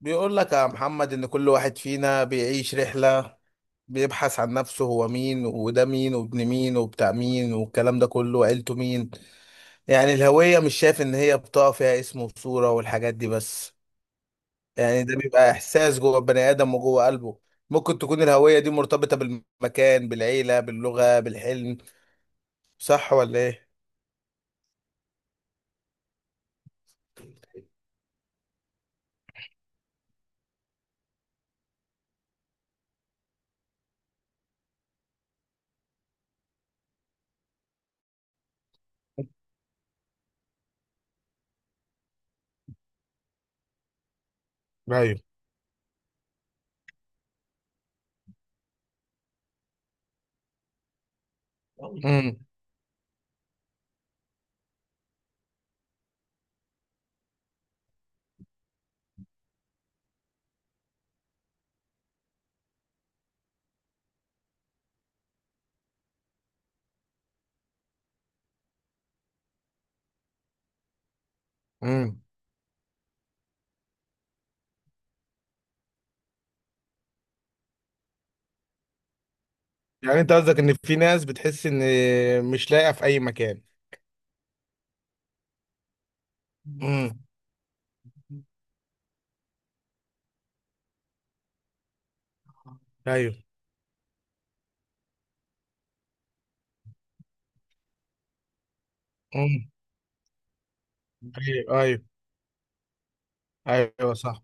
بيقول لك يا محمد إن كل واحد فينا بيعيش رحلة، بيبحث عن نفسه، هو مين وده مين وابن مين وبتاع مين والكلام ده كله وعيلته مين. يعني الهوية مش شايف إن هي بطاقة فيها اسم وصورة والحاجات دي بس. يعني ده بيبقى إحساس جوه البني آدم وجوه قلبه. ممكن تكون الهوية دي مرتبطة بالمكان بالعيلة باللغة بالحلم. صح ولا إيه؟ ايوه. امم. امم. يعني انت قصدك ان في ناس بتحس ان مش لاقيه في اي مكان. امم. ايوه. مم. ايوه، ايوه. ايوه صح.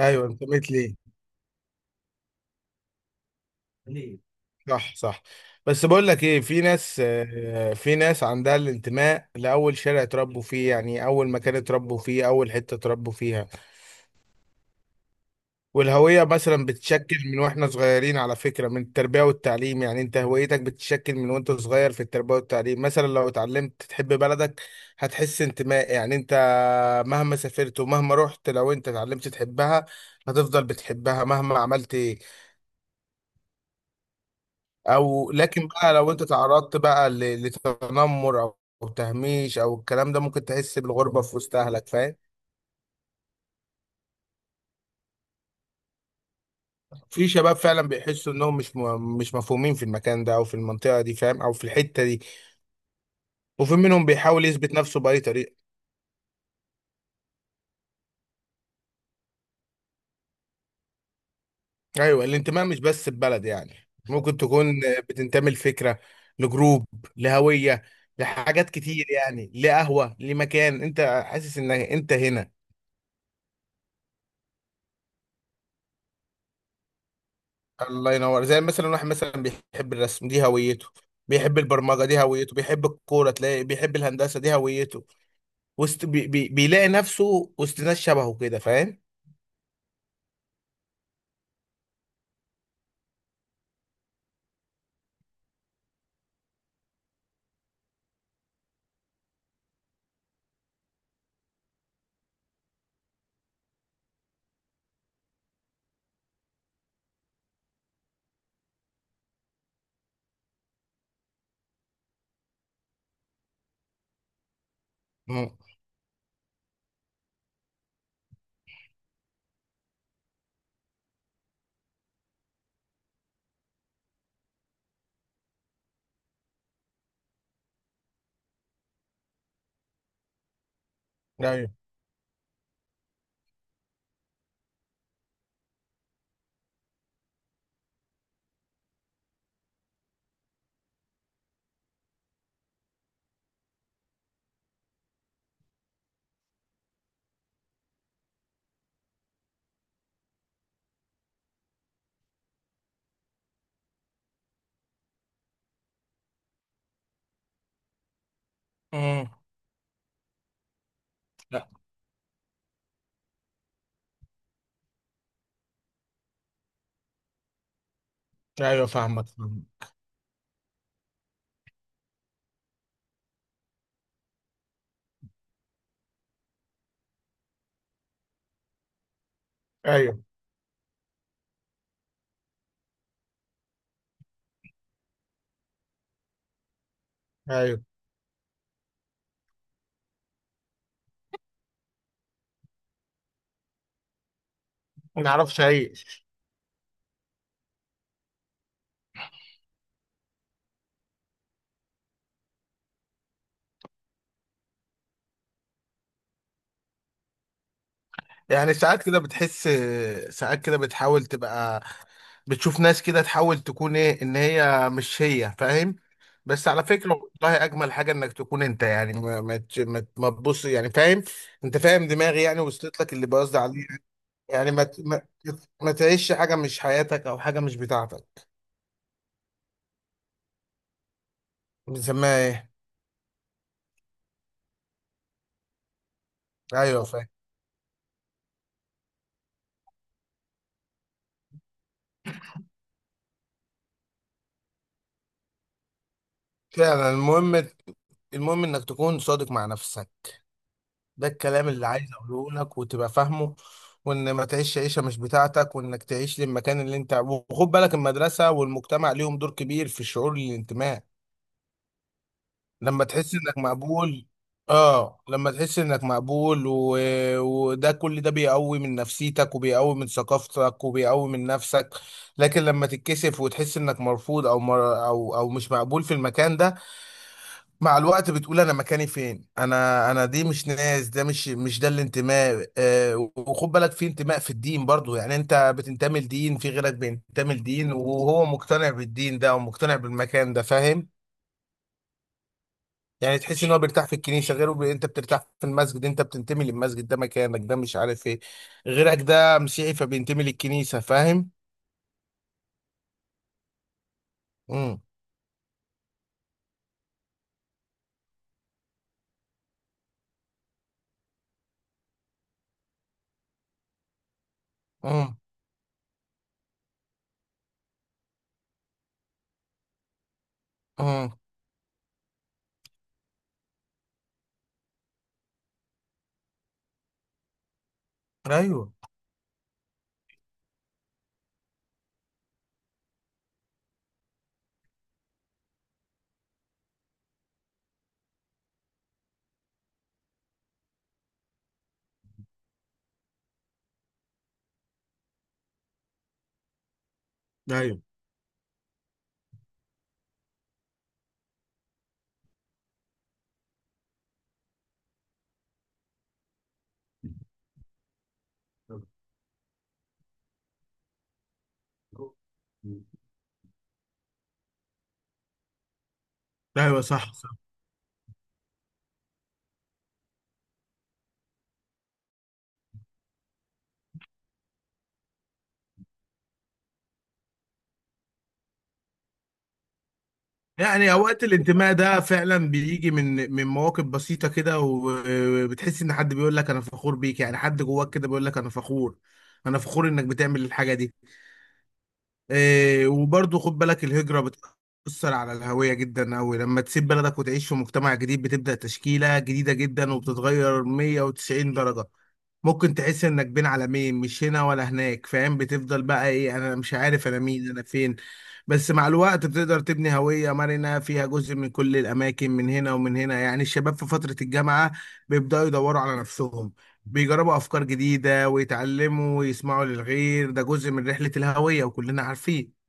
ايوه انتميت ليه. ليه؟ صح، صح. بس بقول لك ايه، في ناس في ناس عندها الانتماء لاول شارع اتربوا فيه، يعني اول مكان اتربوا فيه، اول حته اتربوا فيها. والهوية مثلا بتتشكل من واحنا صغيرين على فكرة، من التربية والتعليم. يعني انت هويتك بتتشكل من وانت صغير في التربية والتعليم. مثلا لو اتعلمت تحب بلدك هتحس انتماء، يعني انت مهما سافرت ومهما رحت، لو انت اتعلمت تحبها هتفضل بتحبها مهما عملت ايه. او لكن بقى لو انت تعرضت بقى لتنمر او أو تهميش او الكلام ده، ممكن تحس بالغربة في وسط اهلك، فاهم. في شباب فعلا بيحسوا انهم مش مفهومين في المكان ده او في المنطقة دي، فاهم، او في الحتة دي. وفي منهم بيحاول يثبت نفسه بأي طريقة. أيوة الانتماء مش بس ببلد، يعني ممكن تكون بتنتمي لفكرة، لجروب، لهوية، لحاجات كتير، يعني لقهوة، لمكان أنت حاسس إن أنت هنا. الله ينور. زي مثلا واحد مثلا بيحب الرسم دي هويته، بيحب البرمجة دي هويته، بيحب الكورة، تلاقي بيحب الهندسة دي هويته. وسط بي بي بيلاقي نفسه وسط ناس شبهه كده، فاهم؟ مم. أيوه. مم. لا. أيوه، فاهمك فاهمك. أيوه أيوه. ما نعرفش أي. يعني ساعات كده بتحس، ساعات كده بتحاول تبقى، بتشوف ناس كده تحاول تكون ايه، ان هي مش هي، فاهم. بس على فكرة والله اجمل حاجة انك تكون انت، يعني ما ما تبص يعني، فاهم. انت فاهم دماغي، يعني وصلت لك اللي بقصد عليه. يعني ما ت- ما ما تعيش حاجة مش حياتك او حاجة مش بتاعتك. بنسميها ايه؟ ايوه فاهم. فعلا المهم، المهم انك تكون صادق مع نفسك. ده الكلام اللي عايز اقوله لك وتبقى فاهمه، وان ما تعيش عيشه مش بتاعتك، وانك تعيش للمكان اللي انت. وخد بالك المدرسه والمجتمع ليهم دور كبير في الشعور الانتماء. لما تحس انك مقبول، اه لما تحس انك مقبول و... وده كل ده بيقوي من نفسيتك، وبيقوي من ثقافتك، وبيقوي من نفسك. لكن لما تتكسف وتحس انك مرفوض او مر... او او مش مقبول في المكان ده، مع الوقت بتقول انا مكاني فين، انا دي مش ناس، ده مش ده الانتماء. وخد بالك في انتماء في الدين برضو. يعني انت بتنتمي لدين، في غيرك بينتمي لدين وهو مقتنع بالدين ده ومقتنع بالمكان ده، فاهم. يعني تحس ان هو بيرتاح في الكنيسه، غيره بي... انت بترتاح في المسجد، انت بتنتمي للمسجد، ده مكانك، ده مش عارف ايه. غيرك ده مسيحي فبينتمي للكنيسه، فاهم. امم. امم. امم. ايوه. ايوه. ايوه صح. يعني اوقات الانتماء ده فعلا بيجي من مواقف بسيطه كده، وبتحس ان حد بيقول لك انا فخور بيك، يعني حد جواك كده بيقول لك انا فخور، انا فخور انك بتعمل الحاجه دي. إيه وبرضه خد بالك الهجرة بتأثر على الهوية جدا أوي. لما تسيب بلدك وتعيش في مجتمع جديد بتبدأ تشكيلة جديدة جدا، وبتتغير 190 درجة. ممكن تحس إنك بين عالمين، مش هنا ولا هناك، فاهم. بتفضل بقى إيه، أنا مش عارف أنا مين، أنا فين. بس مع الوقت بتقدر تبني هوية مرنة فيها جزء من كل الأماكن، من هنا ومن هنا. يعني الشباب في فترة الجامعة بيبدأوا يدوروا على نفسهم، بيجربوا افكار جديده ويتعلموا ويسمعوا للغير. ده جزء من رحله الهويه وكلنا عارفين.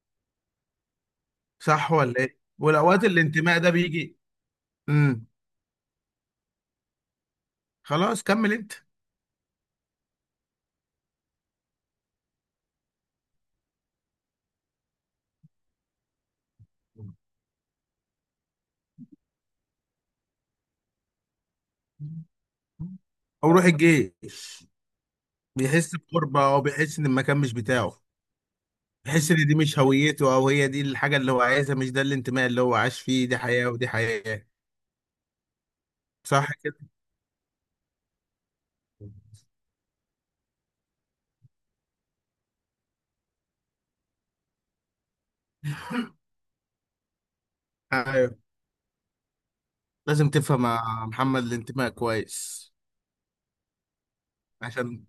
صح ولا ايه؟ والاوقات الانتماء ده بيجي. امم. خلاص كمل انت. او روح الجيش. بيحس بغربه، او بيحس ان المكان مش بتاعه. بيحس ان دي مش هويته، او هي دي الحاجه اللي هو عايزها، مش ده الانتماء اللي هو عاش فيه، دي حياه ودي حياه. صح كده. ايوه. لازم تفهم يا محمد، الانتماء كويس. عشان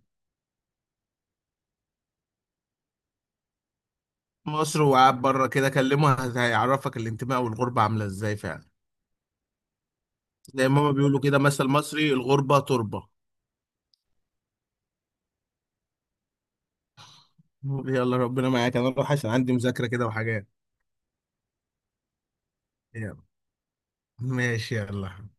مصر، وقعد بره كده كلمه هيعرفك الانتماء والغربه عامله ازاي فعلا. زي ما هما بيقولوا كده، مثل مصري، الغربه تربه. يلا ربنا معاك، انا اروح عشان عندي مذاكره كده وحاجات. يلا. ماشي يلا.